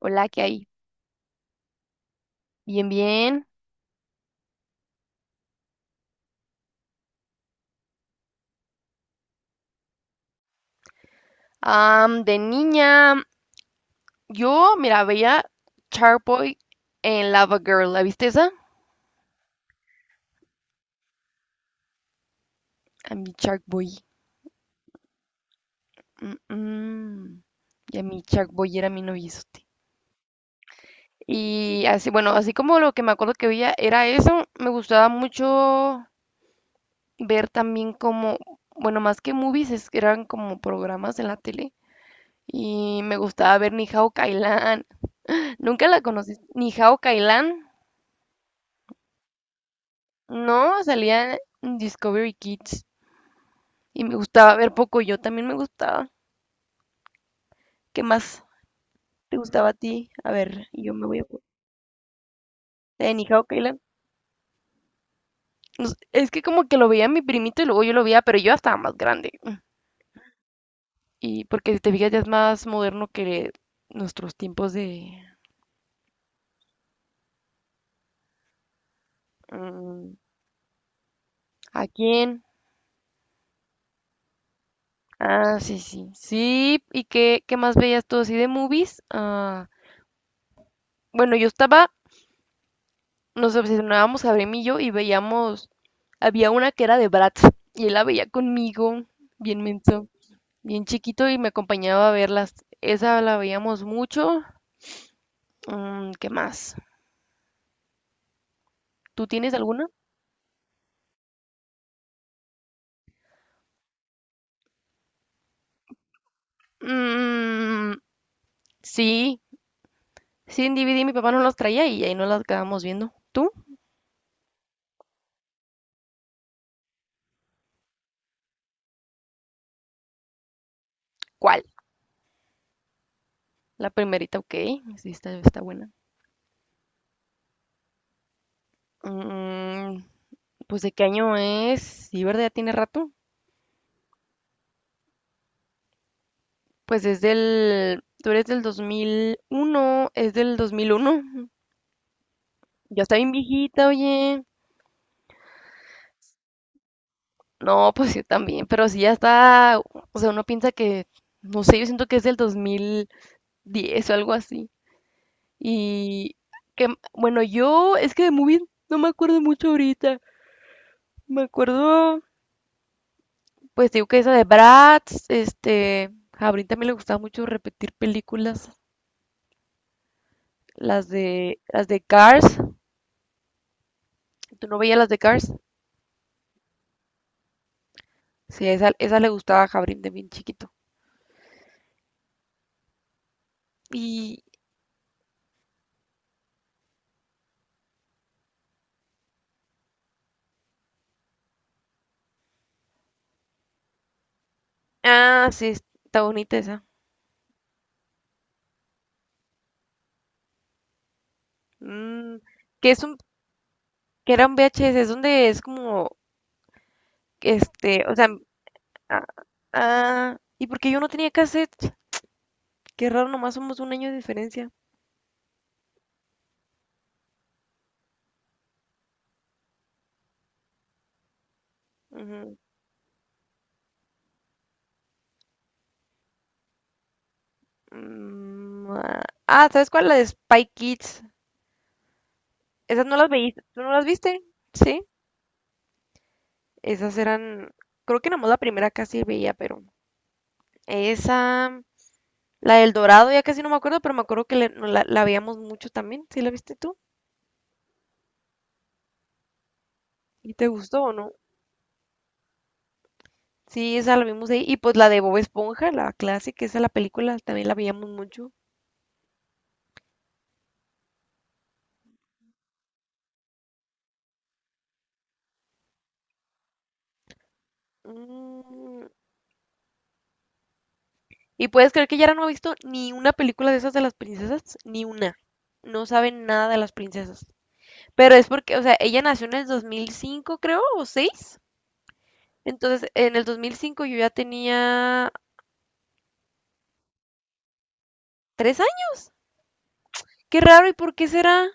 Hola, ¿qué hay? Bien, bien. De niña, yo, mira, veía Shark Boy en Lava Girl. ¿La viste esa? A mi Shark Boy. Mm, mm. Y a mi Shark Boy era mi noviozote. Y así, bueno, así como lo que me acuerdo que veía era eso, me gustaba mucho ver también como, bueno, más que movies, es que eran como programas en la tele. Y me gustaba ver Ni Hao Kai Lan. ¿Nunca la conociste? Ni Hao Kai Lan. No, salía en Discovery Kids y me gustaba ver poco, yo también me gustaba. ¿Qué más te gustaba a ti? A ver, yo me voy a... ni hao Kayla. No sé, es que como que lo veía mi primito y luego yo lo veía, pero yo ya estaba más grande. Y porque si te fijas ya es más moderno que nuestros tiempos de... mm, ¿A quién? Ah, sí, sí. Sí, ¿y qué más veías tú así de movies? Ah, bueno, yo estaba, nos obsesionábamos a y yo, y veíamos, había una que era de Bratz y él la veía conmigo, bien menso, bien chiquito, y me acompañaba a verlas. Esa la veíamos mucho. Mm, ¿qué más? ¿Tú tienes alguna? Mm, sí, sí, en DVD mi papá no los traía y ahí nos las acabamos viendo. ¿Tú? ¿Cuál? La primerita, ok, sí, está buena. Mm, pues ¿de qué año es? Sí, ¿verdad? Ya tiene rato. Pues es tú eres del 2001, es del 2001. Ya está bien viejita, oye. No, pues yo también, pero sí ya está, o sea, uno piensa que, no sé, yo siento que es del 2010 o algo así. Y que, bueno, yo es que de movies no me acuerdo mucho ahorita. Me acuerdo, pues digo que esa de Bratz, este, a Brin también le gustaba mucho repetir películas, las de Cars. ¿Tú no veías las de Cars? Sí, esa le gustaba a Jabrín de bien chiquito. Y ah, sí, está bonita esa. Mm, que es un, que era un VHS, es donde es como, este, o sea, ah, ¿y porque yo no tenía cassette? Qué raro, nomás somos un año de diferencia. Ujú. Mm, ah, ah, ¿sabes cuál? La de Spy Kids. Esas no las veí, ¿tú no las viste? Sí, esas eran, creo que nomás la primera casi veía, pero esa... La del Dorado, ya casi no me acuerdo, pero me acuerdo no, la veíamos mucho también. ¿Sí la viste tú? ¿Y te gustó o no? Sí, esa la vimos ahí. Y pues la de Bob Esponja, la clásica, esa la película también la veíamos mucho. Mm, y puedes creer que Yara no ha visto ni una película de esas de las princesas, ni una. No sabe nada de las princesas. Pero es porque, o sea, ella nació en el 2005, creo, o seis. Entonces, en el 2005 yo ya tenía 3 años. Qué raro, ¿y por qué será?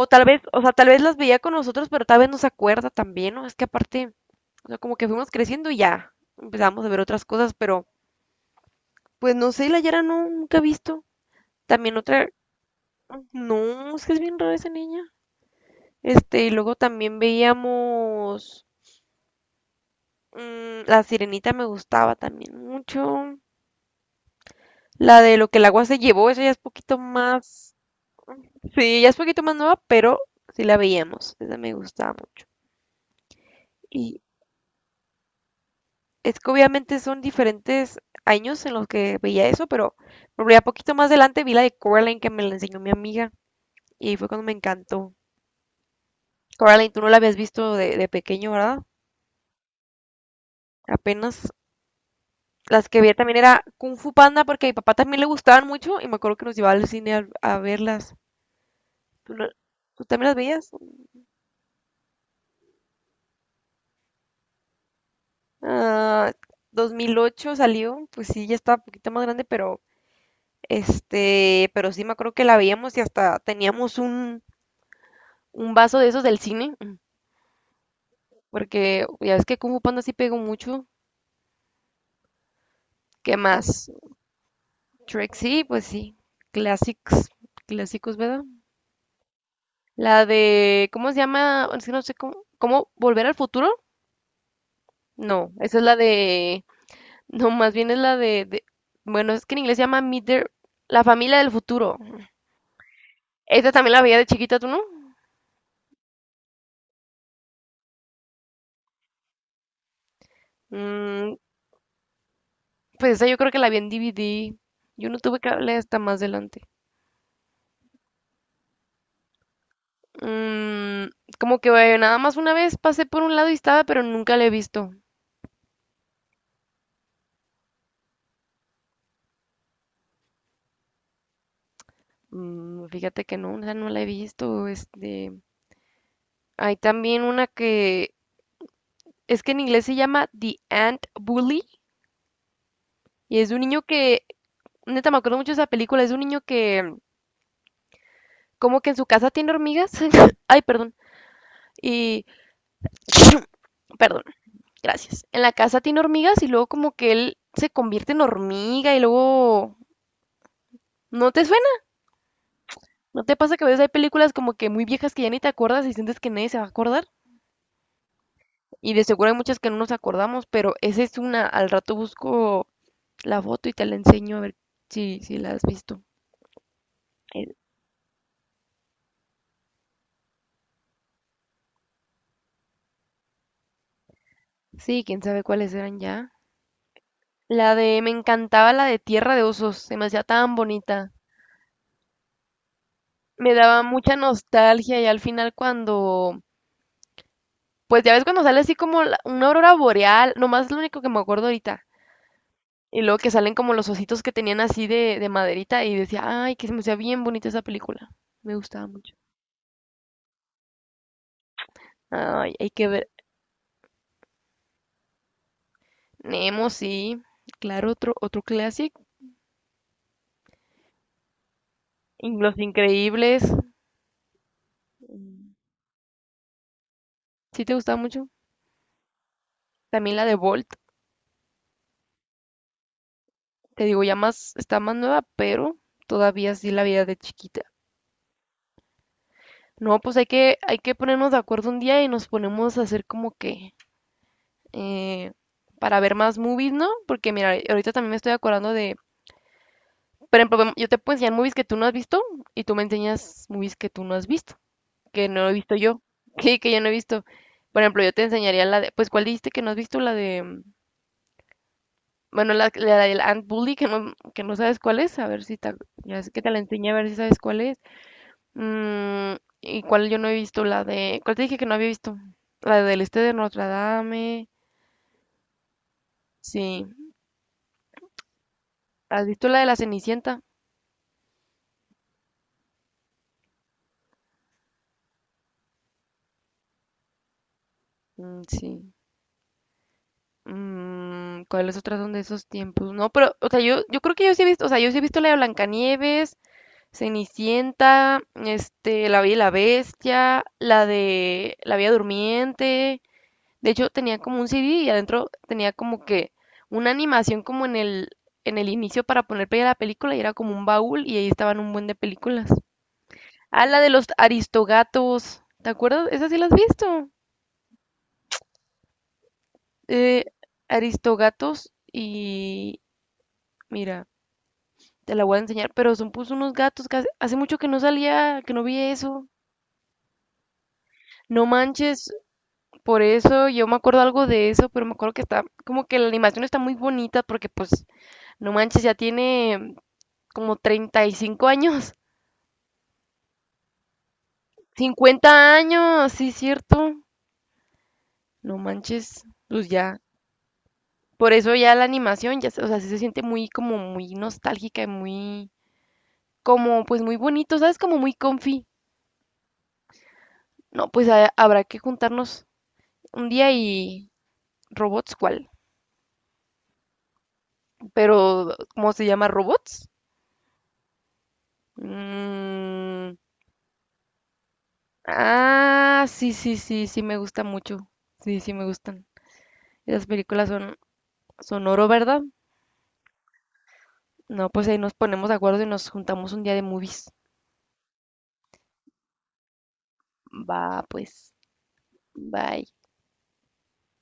O tal vez, o sea, tal vez las veía con nosotros, pero tal vez no se acuerda también, ¿no? Es que aparte, o sea, como que fuimos creciendo y ya empezamos a ver otras cosas, pero pues no sé, la Yara no, nunca he visto. También otra, no, es que es bien rara esa niña. Este, y luego también veíamos, la Sirenita me gustaba también mucho. La de lo que el agua se llevó, esa ya es poquito más, sí, ya es poquito más nueva, pero sí la veíamos, esa me gustaba mucho. Y es que obviamente son diferentes años en los que veía eso, pero ya poquito más adelante vi la de Coraline que me la enseñó mi amiga y fue cuando me encantó. Coraline, tú no la habías visto de pequeño, ¿verdad? Apenas las que vi también era Kung Fu Panda porque a mi papá también le gustaban mucho y me acuerdo que nos llevaba al cine a verlas. ¿Tú, tú también las veías? Ah, 2008 salió, pues sí, ya estaba un poquito más grande, pero este, pero sí me acuerdo que la veíamos y hasta teníamos un vaso de esos del cine. Porque ya ves que Kung Fu Panda sí pegó mucho. ¿Qué más? Shrek sí, pues sí. Clásicos, clásicos, ¿verdad? La de, ¿cómo se llama? Es que no sé cómo, ¿cómo volver al futuro? No, esa es la de, no, más bien es la bueno, es que en inglés se llama la familia del futuro. Esa también la veía de chiquita, ¿tú no? Mm, pues esa yo creo que la vi en DVD. Yo no tuve cable hasta más adelante. Mm, como que nada más una vez pasé por un lado y estaba, pero nunca la he visto. Mm, fíjate que no, esa no la he visto. Este, hay también una que es que en inglés se llama The Ant Bully y es de un niño que, neta, me acuerdo mucho de esa película, es de un niño que como que en su casa tiene hormigas. Ay, perdón. Y perdón, gracias. En la casa tiene hormigas y luego como que él se convierte en hormiga y luego ¿no te suena? ¿No te pasa que a veces hay películas como que muy viejas que ya ni te acuerdas y sientes que nadie se va a acordar? Y de seguro hay muchas que no nos acordamos, pero esa es una. Al rato busco la foto y te la enseño a ver si la has visto. Eh, Sí, quién sabe cuáles eran ya. La de, me encantaba la de Tierra de Osos, se me hacía tan bonita. Me daba mucha nostalgia y al final cuando, pues ya ves cuando sale así como una aurora boreal, nomás es lo único que me acuerdo ahorita. Y luego que salen como los ositos que tenían así de maderita y decía, ay, que se me hacía bien bonita esa película. Me gustaba mucho. Ay, hay que ver. Nemo, sí. Claro, otro clásico. Y Los Increíbles. Mm, Sí te gusta mucho. También la de Bolt. Te digo, ya más, está más nueva, pero todavía sí la vida de chiquita. No, pues hay que ponernos de acuerdo un día y nos ponemos a hacer como que eh, para ver más movies, ¿no? Porque mira, ahorita también me estoy acordando de, por ejemplo, yo te puedo enseñar movies que tú no has visto y tú me enseñas movies que tú no has visto. Que no he visto yo, que yo no he visto. Por ejemplo, yo te enseñaría la de, pues, ¿cuál dijiste que no has visto? La de, mm, bueno, la del Ant Bully, que no sabes cuál es, a ver si te, ya sé que te la enseñé, a ver si sabes cuál es. Mm, ¿y cuál yo no he visto? La de, ¿cuál te dije que no había visto? La del este de Notre Dame, sí. ¿Has visto la de la Cenicienta? Mm, sí. Mm, ¿cuáles otras son de esos tiempos? No, pero, o sea, yo creo que yo sí he visto, o sea, yo sí he visto la de Blancanieves, Cenicienta, este, La Bella y la Bestia, la de La Bella Durmiente. De hecho, tenía como un CD y adentro tenía como que una animación como en en el inicio para poner play a la película y era como un baúl y ahí estaban un buen de películas. Ah, la de los Aristogatos. ¿Te acuerdas? Esa sí la has visto. Eh, Aristogatos y... Mira, te la voy a enseñar, pero son pues unos gatos que hace mucho que no salía, que no vi eso. No manches, por eso yo me acuerdo algo de eso, pero me acuerdo que está, como que la animación está muy bonita porque pues, no manches, ya tiene como 35 años, 50 años, sí, cierto, no manches, pues ya. Por eso ya la animación, ya, o sea, sí se siente muy como muy nostálgica y muy, como pues muy bonito, ¿sabes? Como muy comfy. No, pues habrá que juntarnos un día. Y robots, ¿cuál? Pero, ¿cómo se llama? ¿Robots? Mm, ah, sí, sí, sí, sí me gusta mucho. Sí, sí me gustan. Esas películas son, son oro, ¿verdad? No, pues ahí nos ponemos de acuerdo y nos juntamos un día de movies. Va, pues. Bye.